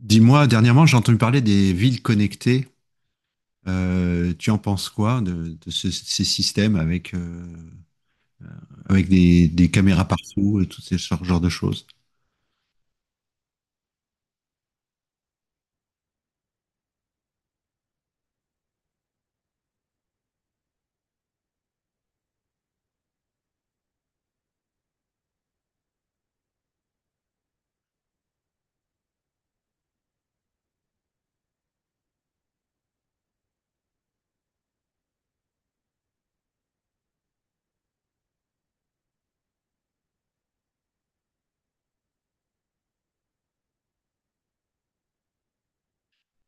Dis-moi, dernièrement, j'ai entendu parler des villes connectées. Tu en penses quoi de ces systèmes avec, avec des caméras partout et tout ce genre de choses?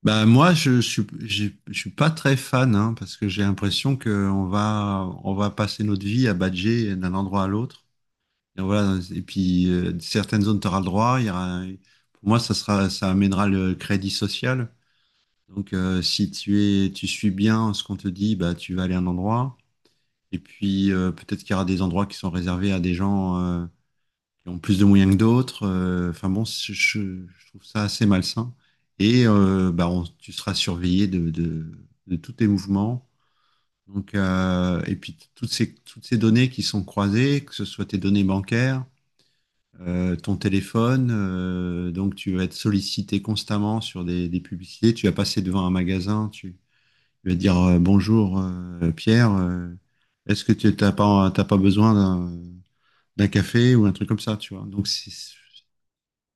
Bah moi, je suis pas très fan hein, parce que j'ai l'impression que on va passer notre vie à badger d'un endroit à l'autre. Et voilà. Et puis certaines zones t'auras le droit. Il y aura, pour moi, ça amènera le crédit social. Donc si tu suis bien ce qu'on te dit, bah tu vas aller à un endroit. Et puis peut-être qu'il y aura des endroits qui sont réservés à des gens qui ont plus de moyens que d'autres. Enfin bon, je trouve ça assez malsain. Et bah, tu seras surveillé de tous tes mouvements. Donc, et puis toutes ces données qui sont croisées, que ce soit tes données bancaires, ton téléphone, donc tu vas être sollicité constamment sur des publicités. Tu vas passer devant un magasin, je vais dire bonjour Pierre, est-ce que tu t'as pas besoin d'un café ou un truc comme ça, tu vois. Donc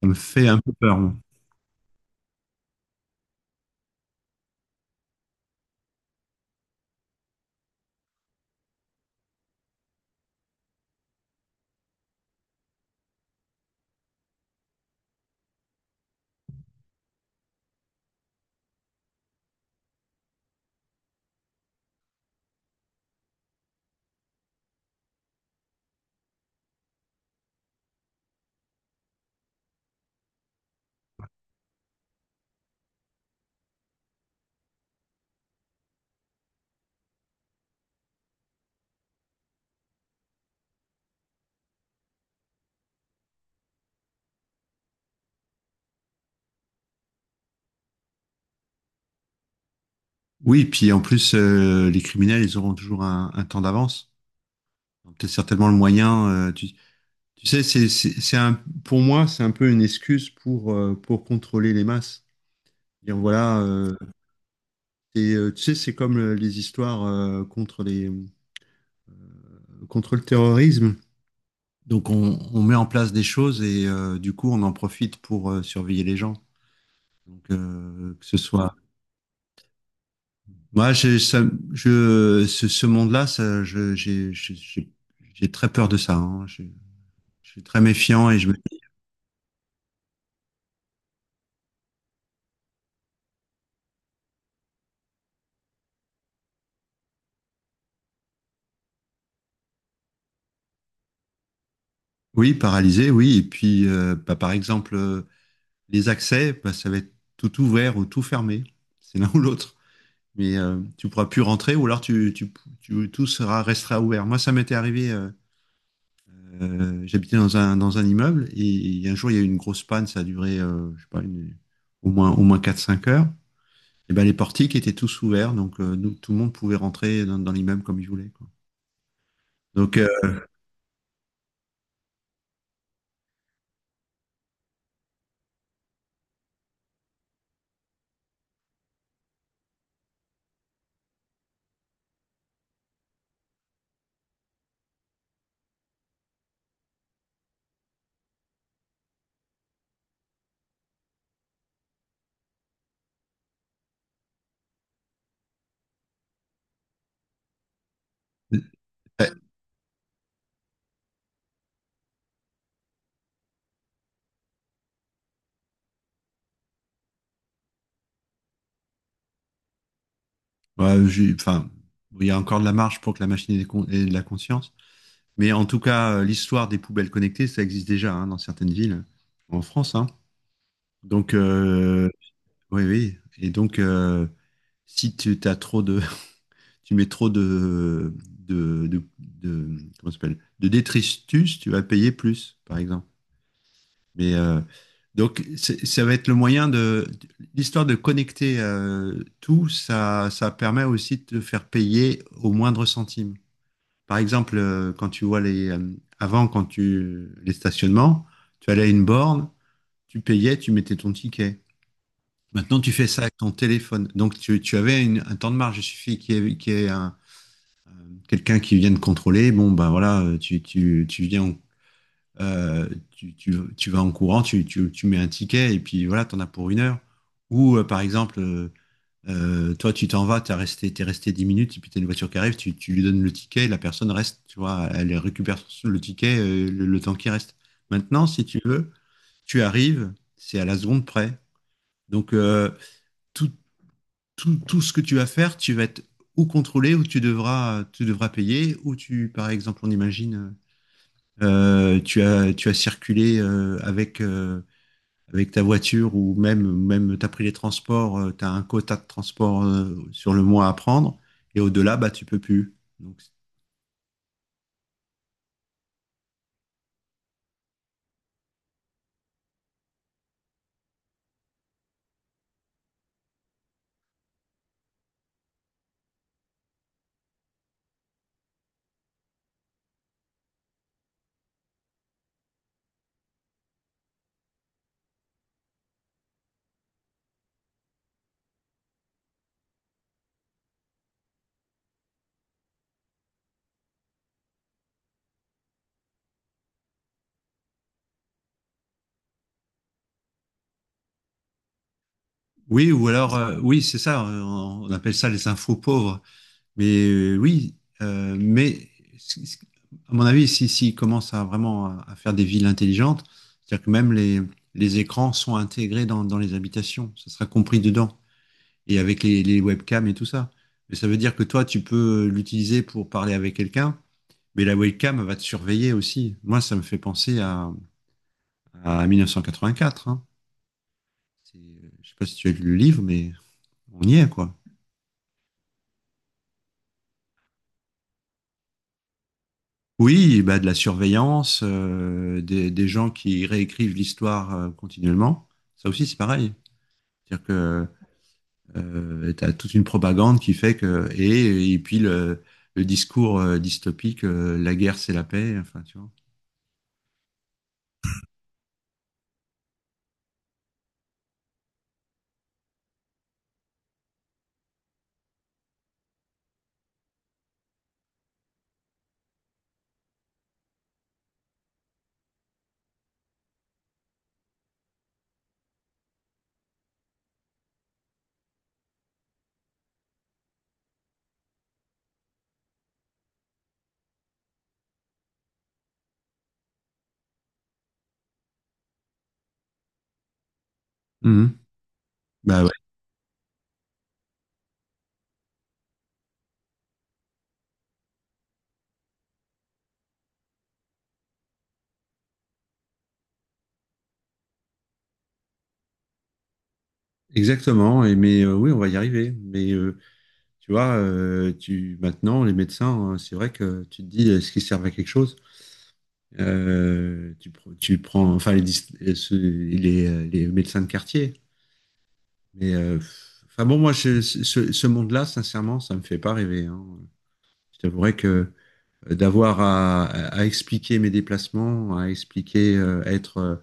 ça me fait un peu peur. Moi. Oui, puis en plus, les criminels, ils auront toujours un temps d'avance. Donc, t'as certainement le moyen. Tu sais, c'est pour moi, c'est un peu une excuse pour contrôler les masses. Dire voilà, et, tu sais, c'est comme les histoires contre contre le terrorisme. Donc on met en place des choses et du coup on en profite pour surveiller les gens. Donc que ce soit moi ce monde-là ça je j'ai très peur de ça, hein. Je suis très méfiant et je me oui paralysé oui et puis bah, par exemple les accès bah, ça va être tout ouvert ou tout fermé c'est l'un ou l'autre. Mais tu pourras plus rentrer ou alors tout sera restera ouvert. Moi ça m'était arrivé. J'habitais dans un immeuble et un jour il y a eu une grosse panne, ça a duré je sais pas, au moins 4 5 heures. Et ben, les portiques étaient tous ouverts, donc nous, tout le monde pouvait rentrer dans l'immeuble comme il voulait, quoi. Donc, euh, euh, ouais, enfin, bon, il y a encore de la marge pour que la machine ait de la conscience. Mais en tout cas, l'histoire des poubelles connectées, ça existe déjà hein, dans certaines villes en France, hein. Donc, oui, oui. Et donc, si tu as trop tu mets trop de, de, de- comment ça s'appelle, de détritus, tu vas payer plus, par exemple. Mais euh, donc, ça va être le moyen de. L'histoire de connecter tout, ça permet aussi de te faire payer au moindre centime. Par exemple, quand tu vois les. Avant, quand tu. Les stationnements, tu allais à une borne, tu payais, tu mettais ton ticket. Maintenant, tu fais ça avec ton téléphone. Donc, tu avais un temps de marge. Il suffit qu'il y ait un quelqu'un qui vient de contrôler, bon, ben voilà, tu viens, tu vas en courant, tu mets un ticket et puis voilà, t'en as pour une heure. Ou par exemple, toi, tu t'en vas, t'es resté 10 minutes, et puis t'as une voiture qui arrive, tu lui donnes le ticket, la personne reste, tu vois, elle récupère le ticket, le temps qui reste. Maintenant, si tu veux, tu arrives, c'est à la seconde près. Donc, tout, tout ce que tu vas faire, tu vas être ou contrôlé, ou tu devras payer, ou tu, par exemple, on imagine, tu as circulé avec ta voiture ou même, même tu as pris les transports, tu as un quota de transport sur le mois à prendre, et au-delà, bah, tu peux plus. Donc, oui, ou alors, oui, c'est ça, on appelle ça les infos pauvres. Oui, euh, mais c- c- à mon avis, si commence à vraiment à faire des villes intelligentes, c'est-à-dire que même les écrans sont intégrés dans les habitations, ça sera compris dedans, et avec les webcams et tout ça. Mais ça veut dire que toi, tu peux l'utiliser pour parler avec quelqu'un, mais la webcam va te surveiller aussi. Moi, ça me fait penser à mille neuf cent quatre hein. C'est- Je sais pas si tu as lu le livre, mais on y est, quoi. Oui, bah de la surveillance, des gens qui réécrivent l'histoire continuellement. Ça aussi, c'est pareil. C'est-à-dire que tu as toute une propagande qui fait que. Et puis le discours dystopique, la guerre, c'est la paix. Enfin, tu vois. Mhm. Bah ouais, exactement. Et mais oui, on va y arriver. Mais tu vois, tu maintenant les médecins, c'est vrai que tu te dis est-ce qu'ils servent à quelque chose? Tu prends, enfin les médecins de quartier. Mais euh, enfin bon, moi, ce monde-là, sincèrement, ça me fait pas rêver, hein. Je t'avouerais que d'avoir à expliquer mes déplacements, à expliquer, à être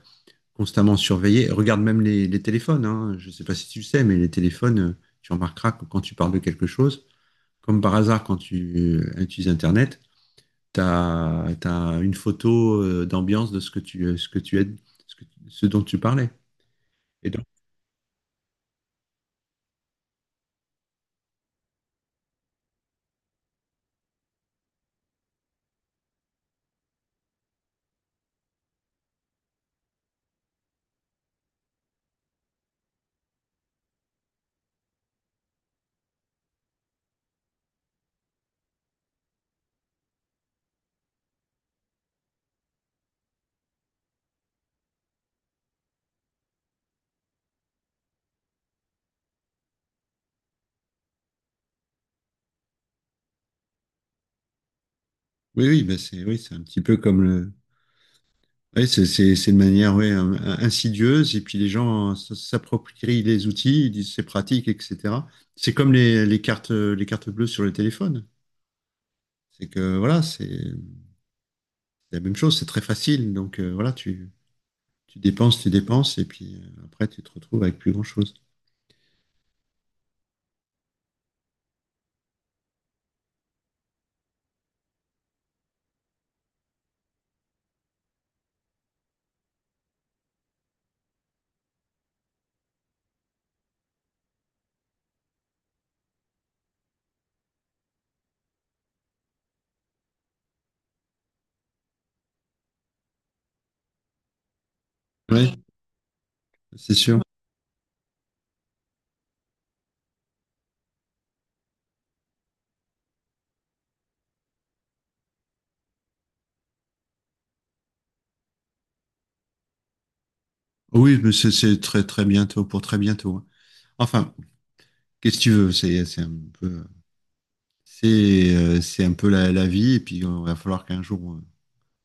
constamment surveillé. Regarde même les téléphones, hein. Je sais pas si tu le sais, mais les téléphones, tu remarqueras que quand tu parles de quelque chose, comme par hasard quand tu utilises Internet, t'as une photo d'ambiance de ce que ce que tu es, ce dont tu parlais. Et donc, oui, ben c'est oui, c'est un petit peu comme le, oui, c'est de manière ouais, insidieuse, et puis les gens s'approprient les outils, ils disent c'est pratique, etc. C'est comme les cartes bleues sur le téléphone. C'est que voilà, c'est la même chose, c'est très facile. Donc voilà, tu dépenses, et puis après tu te retrouves avec plus grand-chose. Oui, c'est sûr. Oui, mais c'est très très bientôt, pour très bientôt, hein. Enfin, qu'est-ce que tu veux? Peu, c'est un peu la vie, et puis il va falloir qu'un jour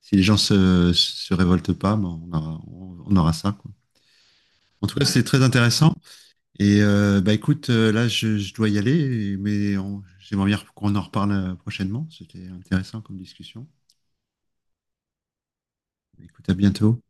si les gens se révoltent pas, ben, on aura ça, quoi. En tout cas, c'est très intéressant. Et bah écoute, là, je dois y aller, mais j'aimerais bien qu'on en reparle prochainement. C'était intéressant comme discussion. Écoute, à bientôt.